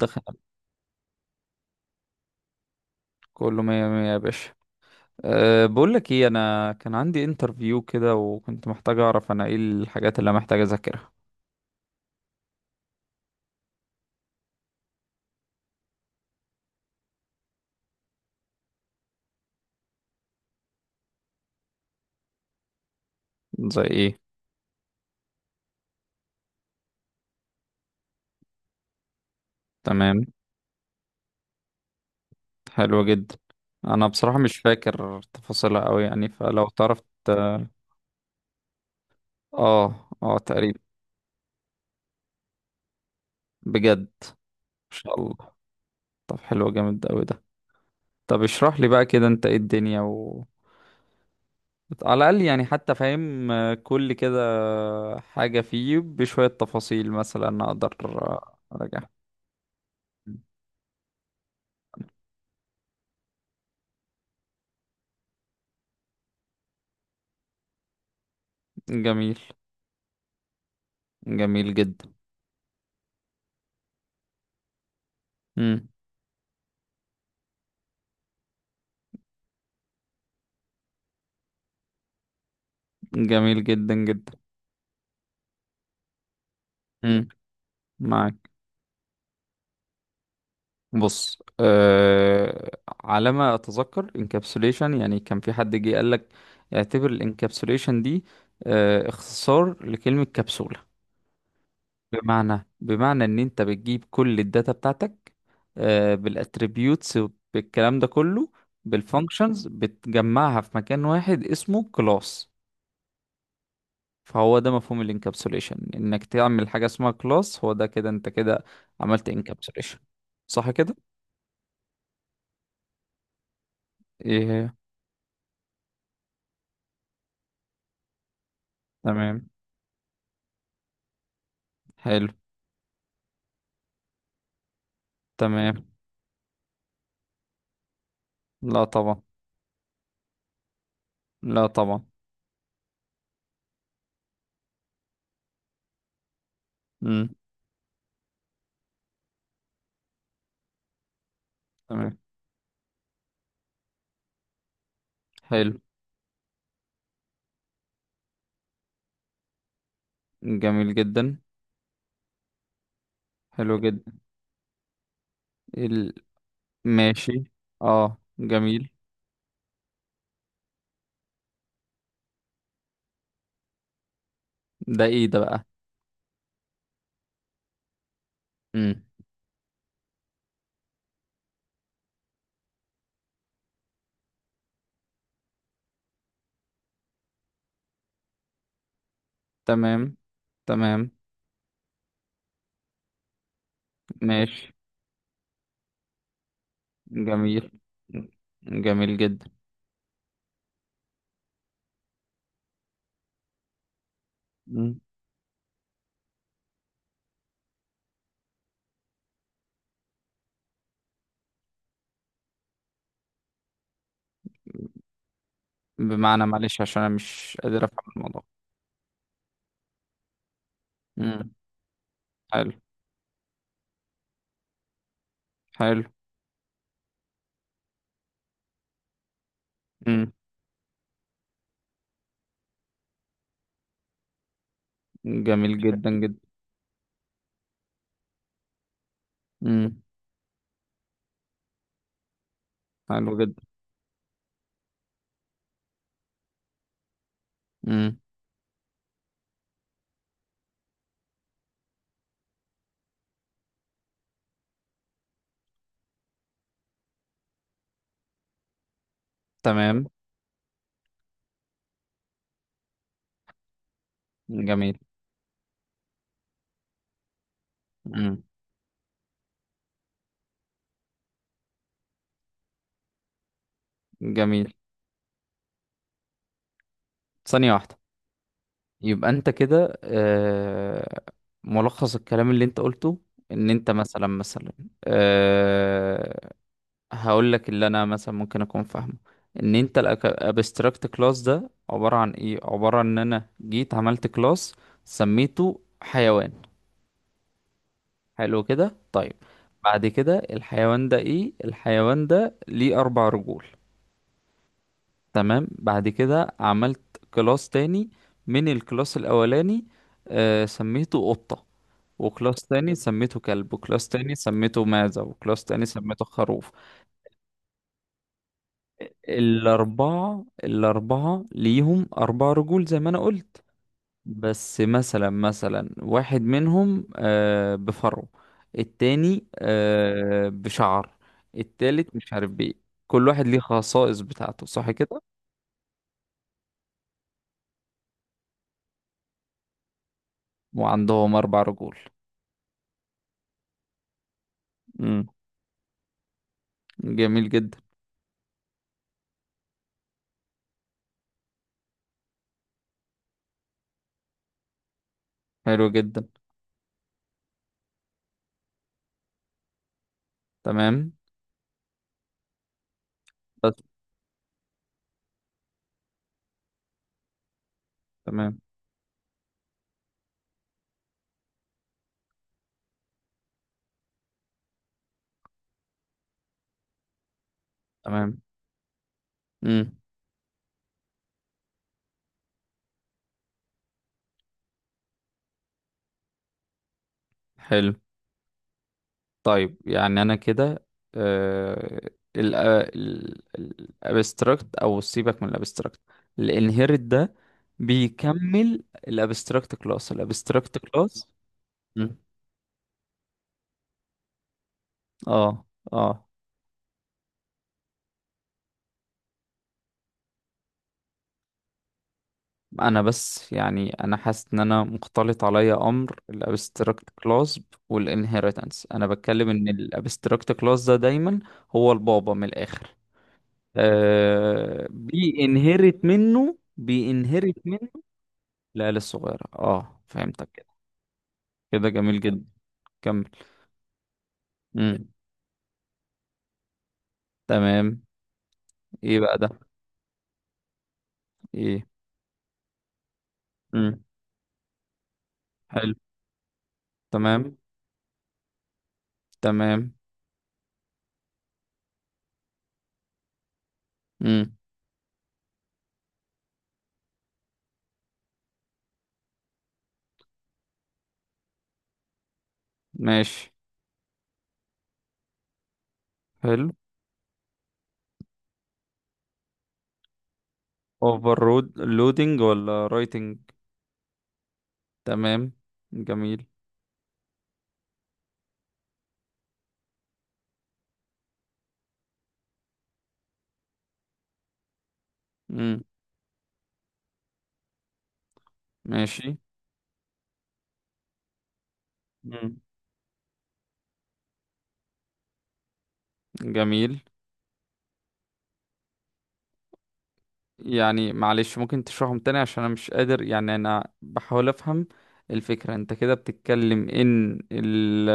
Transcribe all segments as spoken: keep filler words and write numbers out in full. دخل. كله مية مية يا باشا. أه بقول لك ايه، انا كان عندي انترفيو كده وكنت محتاج اعرف انا ايه الحاجات اللي أنا محتاج اذاكرها. زي ايه؟ تمام. حلو جدا. انا بصراحة مش فاكر تفاصيلها قوي، يعني فلو تعرف ت- اه اه تقريبا. بجد ان شاء الله. طب حلو جامد قوي ده. طب اشرح لي بقى كده انت ايه الدنيا و... على الاقل، يعني حتى فاهم آه، كل كده حاجة فيه بشوية تفاصيل مثلا اقدر آه، اراجعها. جميل. جميل جدا. مم. جميل جدا جدا. مم. معاك. بص أه... على ما اتذكر انكابسوليشن يعني كان في حد جه قال لك اعتبر الانكابسوليشن دي أه... اختصار لكلمة كبسولة. بمعنى بمعنى ان انت بتجيب كل الداتا بتاعتك أه... بالاتريبيوتس، بالكلام ده كله، بالفانكشنز، بتجمعها في مكان واحد اسمه كلاس. فهو ده مفهوم الانكابسوليشن، انك تعمل حاجه اسمها كلاس. هو ده كده، انت كده عملت انكابسوليشن، صح كده؟ ايه. تمام. حلو. تمام. لا طبعا. لا طبعا. امم. تمام. حلو. جميل جدا. حلو جدا. ال... ماشي. اه جميل. ده ايه ده بقى؟ امم. تمام. تمام. ماشي. جميل. جميل جدا. مم. بمعنى، معلش، عشان انا مش قادر افهم الموضوع. مم. حلو. حلو. امم. جميل جدا جدا. امم. حلو جدا. امم. تمام. جميل. امم. جميل. ثانية واحدة. يبقى انت كده آه ملخص الكلام اللي انت قلته، ان انت مثلا مثلا آه هقول لك اللي انا مثلا ممكن اكون فاهمه. ان انت الابستراكت كلاس ده عبارة عن ايه؟ عبارة عن ان انا جيت عملت كلاس سميته حيوان. حلو كده، طيب. بعد كده الحيوان ده ايه؟ الحيوان ده ليه اربع رجول. تمام. بعد كده عملت كلاس تاني من الكلاس الاولاني، آه سميته قطة، وكلاس تاني سميته كلب، وكلاس تاني سميته معزة، وكلاس تاني سميته خروف. الأربعة الأربعة ليهم أربع رجول زي ما أنا قلت. بس مثلا مثلا واحد منهم آه، بفرو، التاني آه، بشعر، التالت مش عارف بإيه. كل واحد ليه خصائص بتاعته، صح كده؟ وعندهم أربع رجول. مم. جميل جدا. حلو جدا. تمام. بس. تمام. تمام. مم. حلو. طيب، يعني انا كده آه الابستراكت، او سيبك من الابستراكت، الانهيرت ده بيكمل الابستراكت كلاس الابستراكت كلاس مم. اه اه انا بس، يعني انا حاسس ان انا مختلط عليا امر الابستراكت كلاس والانهيرتنس. انا بتكلم ان الابستراكت كلاس ده دايما هو البابا من الاخر، آه بينهرت منه بينهرت العيال الصغيرة، اه، فهمتك كده. كده جميل جدا. كمل. امم. تمام. ايه بقى ده؟ ايه. امم. حلو. تمام. تمام. امم. ماشي. حلو. اوفر رود لودنج ولا رايتنج؟ تمام. جميل. امم. ماشي. امم. جميل. يعني معلش، ممكن تشرحهم تاني عشان انا مش قادر، يعني انا بحاول افهم الفكرة. انت كده بتتكلم ان ال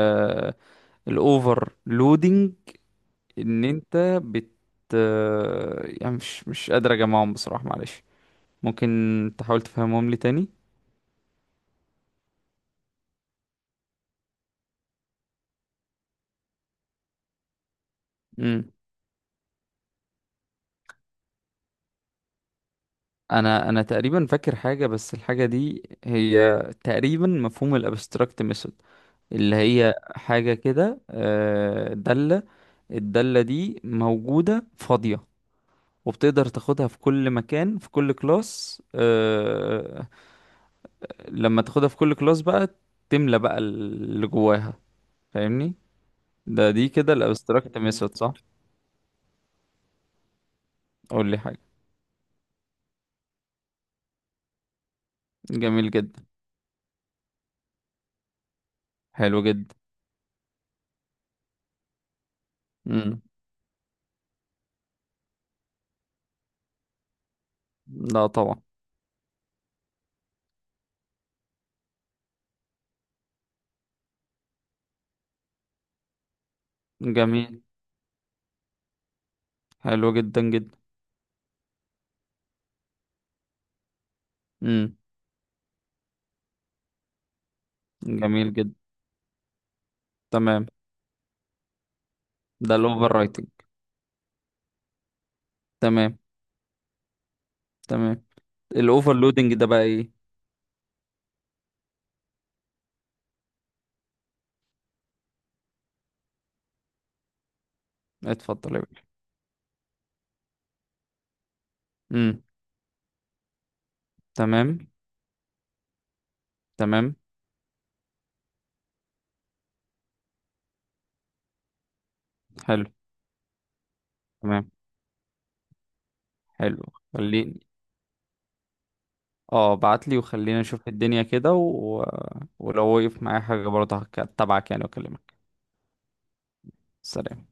الاوفر، ان انت بت يعني مش مش قادر اجمعهم بصراحة، معلش. ممكن تحاول تفهمهم لي تاني. امم. انا انا تقريبا فاكر حاجة، بس الحاجة دي هي تقريبا مفهوم الابستراكت ميثود، اللي هي حاجة كده آه، دالة. الدالة دي موجودة فاضية، وبتقدر تاخدها في كل مكان، في كل كلاس، آه، لما تاخدها في كل كلاس بقى، تملى بقى اللي جواها. فاهمني؟ ده دي كده الابستراكت ميثود، صح؟ قول لي حاجة. جميل جدا. حلو جدا. امم. لا طبعا. جميل. حلو جدا جدا. امم. جميل جدا. تمام. ده الاوفر رايتنج. تمام. تمام. الاوفر لودنج ده بقى ايه؟ اتفضل يا باشا. امم. تمام. تمام. حلو. تمام. حلو. خليني، اه بعت لي وخلينا نشوف الدنيا كده و... ولو وقف معايا حاجة برضه هك- هتابعك يعني واكلمك. سلام.